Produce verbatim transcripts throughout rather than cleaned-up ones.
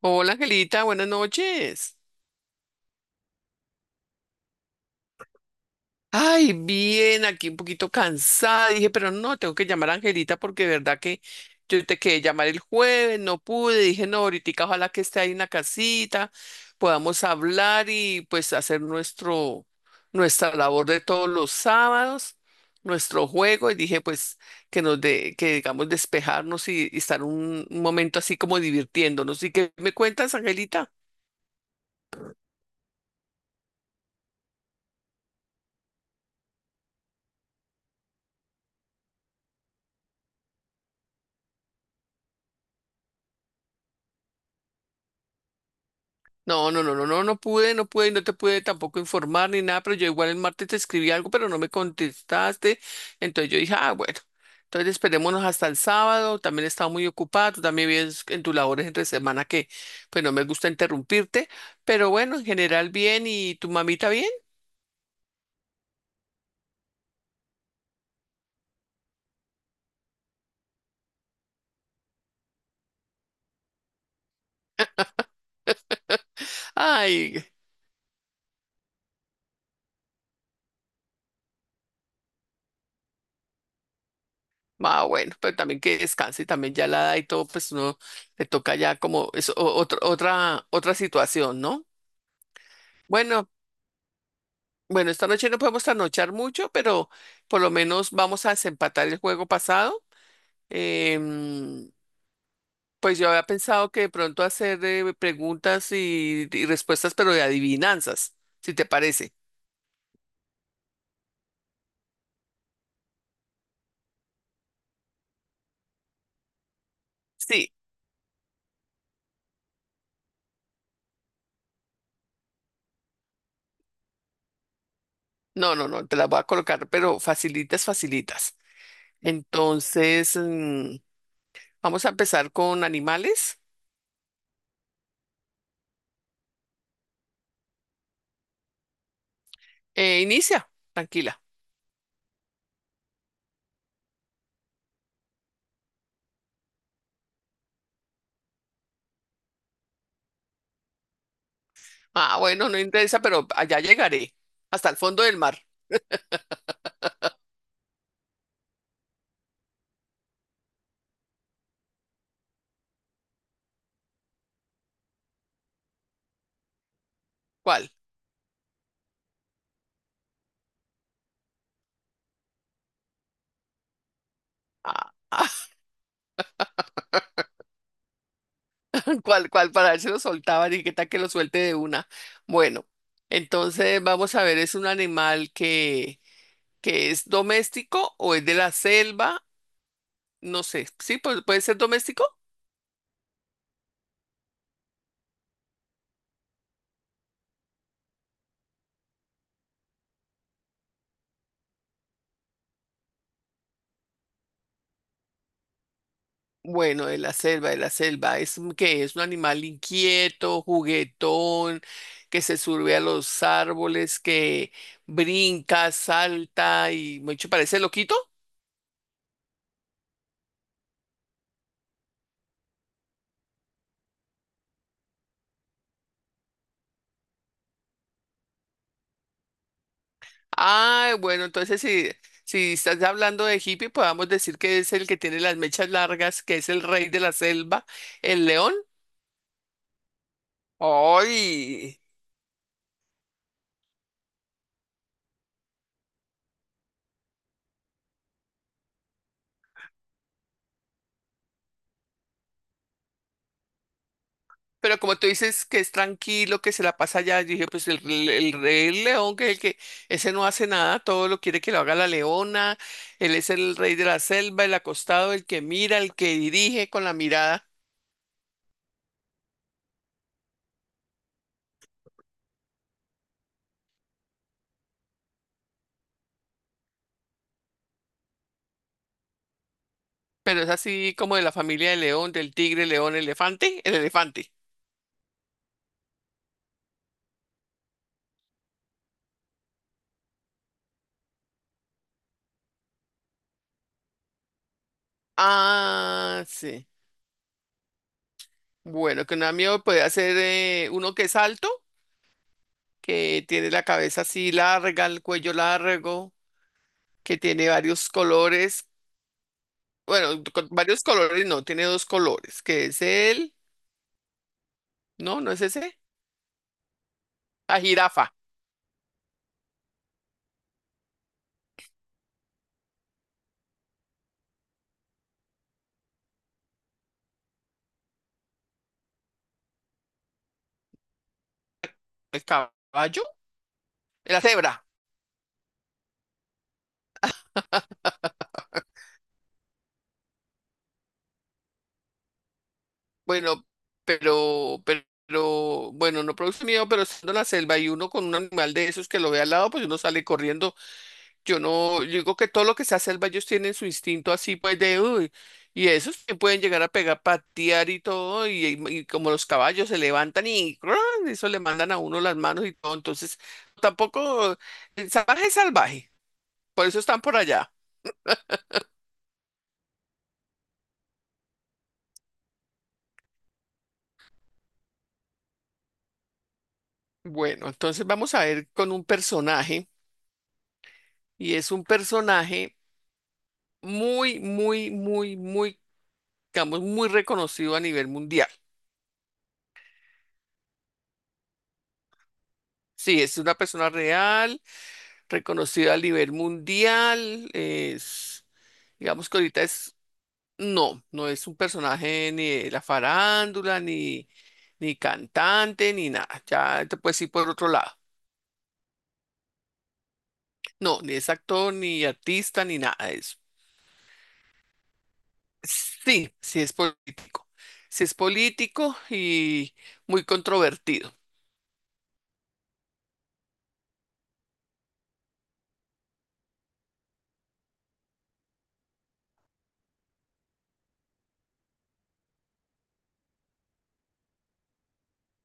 Hola Angelita, buenas noches. Ay, bien, aquí un poquito cansada. Dije, pero no, tengo que llamar a Angelita porque de verdad que yo te quedé llamar el jueves, no pude. Dije, no, ahorita ojalá que esté ahí en la casita, podamos hablar y pues hacer nuestro, nuestra labor de todos los sábados, nuestro juego. Y dije, pues que nos de, que digamos despejarnos y, y estar un, un momento así como divirtiéndonos. ¿Y qué me cuentas, Angelita? No, no, no, no, no, no pude, no pude, y no te pude tampoco informar ni nada, pero yo igual el martes te escribí algo, pero no me contestaste. Entonces yo dije, ah, bueno, entonces esperémonos hasta el sábado. También estaba muy ocupada, tú también vives en tus labores entre semana que, pues no me gusta interrumpirte, pero bueno, en general bien, ¿y tu mamita bien? Ay. Ah, bueno, pero también que descanse, también ya la edad y todo, pues uno le toca ya como es o- otro otra, otra situación, ¿no? Bueno, bueno, esta noche no podemos trasnochar mucho, pero por lo menos vamos a desempatar el juego pasado. Em, pues yo había pensado que de pronto hacer eh, preguntas y, y respuestas, pero de adivinanzas, si te parece. Sí, no, no, no, te las voy a colocar, pero facilitas, facilitas. Entonces, mm, vamos a empezar con animales. Eh, inicia, tranquila. Ah, bueno, no interesa, pero allá llegaré, hasta el fondo del mar. ¿Cuál? Ah, ah, ¿cuál, cuál? Para ver si lo soltaba, y qué tal que lo suelte de una. Bueno, entonces vamos a ver, ¿es un animal que, que es doméstico o es de la selva? No sé, ¿sí? Pu- ¿Puede ser doméstico? Bueno, de la selva, de la selva, es un- que es un animal inquieto, juguetón, que se sube a los árboles, que brinca, salta y mucho parece loquito. Ah, bueno, entonces si, si estás hablando de hippie, podemos decir que es el que tiene las mechas largas, que es el rey de la selva, el león. ¡Ay! Pero como tú dices que es tranquilo, que se la pasa allá, yo dije, pues el, el, el rey león, que es el que ese no hace nada, todo lo quiere que lo haga la leona, él es el rey de la selva, el acostado, el que mira, el que dirige con la mirada, pero es así como de la familia del león, del tigre, león, elefante, el elefante. Ah, sí. Bueno, que un amigo puede hacer eh, uno que es alto, que tiene la cabeza así larga, el cuello largo, que tiene varios colores. Bueno, con varios colores, no, tiene dos colores, que es el, no, no es ese, la jirafa, el caballo, la cebra. Bueno, pero, pero, pero, bueno, no produce miedo, pero estando en la selva y uno con un animal de esos que lo ve al lado, pues uno sale corriendo. Yo no, yo digo que todo lo que sea selva, ellos tienen su instinto así, pues de, uy, y esos que pueden llegar a pegar, patear y todo, y, y y como los caballos se levantan y ¡cruan! Eso le mandan a uno las manos y todo. Entonces, tampoco, el salvaje es salvaje, por eso están por allá. Bueno, entonces vamos a ver con un personaje, y es un personaje muy, muy, muy, muy, digamos, muy reconocido a nivel mundial. Sí, es una persona real reconocido a nivel mundial. Es, digamos que ahorita es, no, no es un personaje ni de la farándula, ni, ni cantante, ni nada. Ya te puedes ir por otro lado. No, ni es actor, ni artista, ni nada de eso. Sí, sí es político. Sí es político y muy controvertido.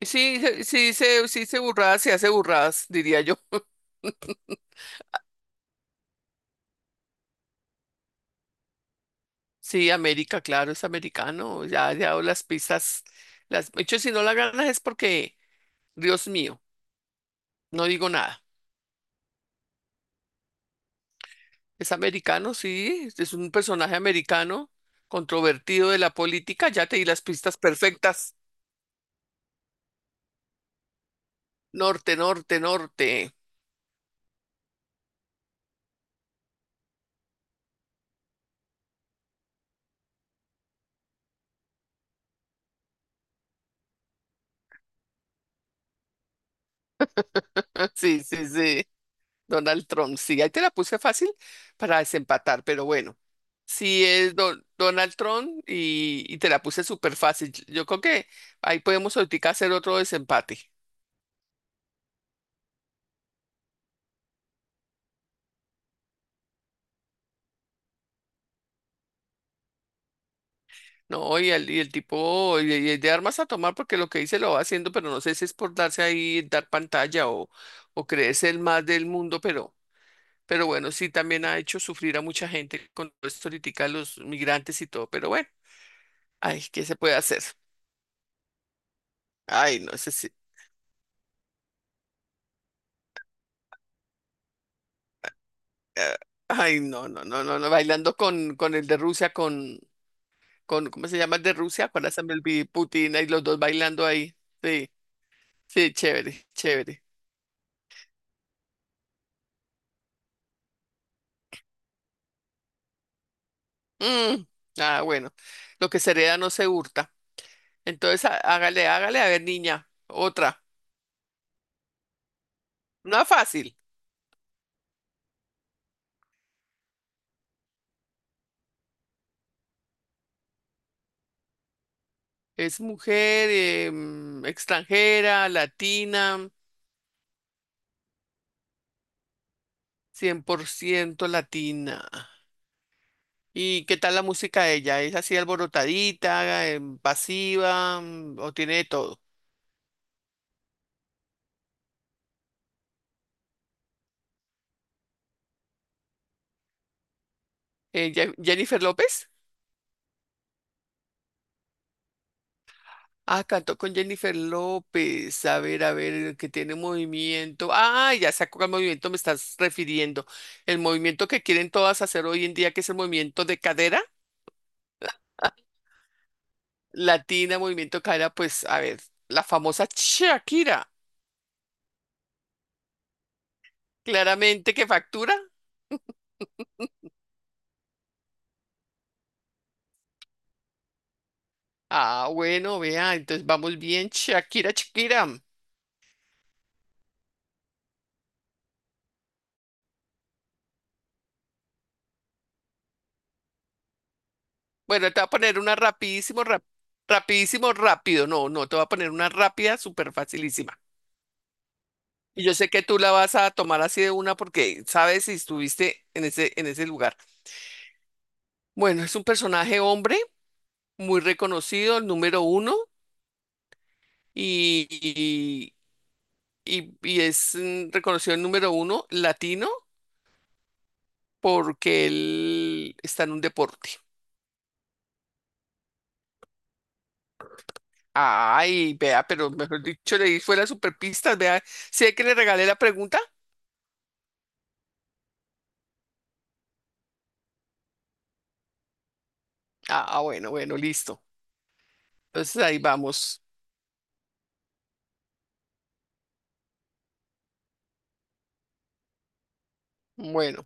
Sí, se- sí, se, sí, se burradas, se hace burradas, diría yo. Sí, América, claro, es americano. Ya, ya o las pistas. Las... De hecho, si no la ganas es porque, Dios mío, no digo nada. Es americano, sí, es un personaje americano, controvertido de la política. Ya te di las pistas perfectas. Norte, norte, norte. Sí, sí, sí. Donald Trump, sí, ahí te la puse fácil para desempatar, pero bueno. Sí, es Don- Donald Trump y, y te la puse súper fácil. Yo creo que ahí podemos ahorita hacer otro desempate. No, y el, y el tipo, y, y el de armas a tomar, porque lo que dice lo va haciendo, pero no sé si es por darse ahí, dar pantalla o, o creerse el más del mundo, pero, pero bueno, sí también ha hecho sufrir a mucha gente con todo esto ahoritica, los migrantes y todo, pero bueno, ay, ¿qué se puede hacer? Ay, no sé si, eh, ay, no, no, no, no, no, bailando con, con el de Rusia, con, con, ¿cómo se llama el de Rusia? Con la Putin, y los dos bailando ahí, sí, sí, chévere, chévere. Mm, ah, bueno, lo que se hereda no se hurta. Entonces, há- hágale, hágale, a ver, niña, otra. No fácil. Es mujer eh, mm, extranjera, latina, cien por ciento latina. ¿Y qué tal la música de ella? ¿Es así alborotadita, em, pasiva, mm, o tiene de todo? Eh, Ye- Jennifer López. Ah, cantó con Jennifer López. A ver, a ver, que tiene movimiento. Ah, ya sé a cuál movimiento me estás refiriendo. El movimiento que quieren todas hacer hoy en día, que es el movimiento de cadera. Latina, movimiento de cadera, pues, a ver, la famosa Shakira. Claramente que factura. Ah, bueno, vea, entonces vamos bien, Shakira, Shakira. Bueno, te voy a poner una rapidísimo, rap- rapidísimo, rápido. No, no, te voy a poner una rápida, súper facilísima. Y yo sé que tú la vas a tomar así de una porque sabes si estuviste en ese, en ese lugar. Bueno, es un personaje hombre muy reconocido, el número uno, y, y- y- y es mm, reconocido el número uno latino porque él está en un deporte. Ay, vea, pero mejor dicho, le di fuera superpistas, vea, sé que le regalé la pregunta. Ah, bueno, bueno, listo. Entonces ahí vamos. Bueno.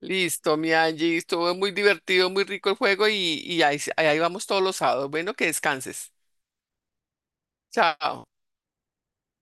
Listo, mi Angie, estuvo muy divertido, muy rico el juego y, y ahí, ahí vamos todos los sábados. Bueno, que descanses. Chao.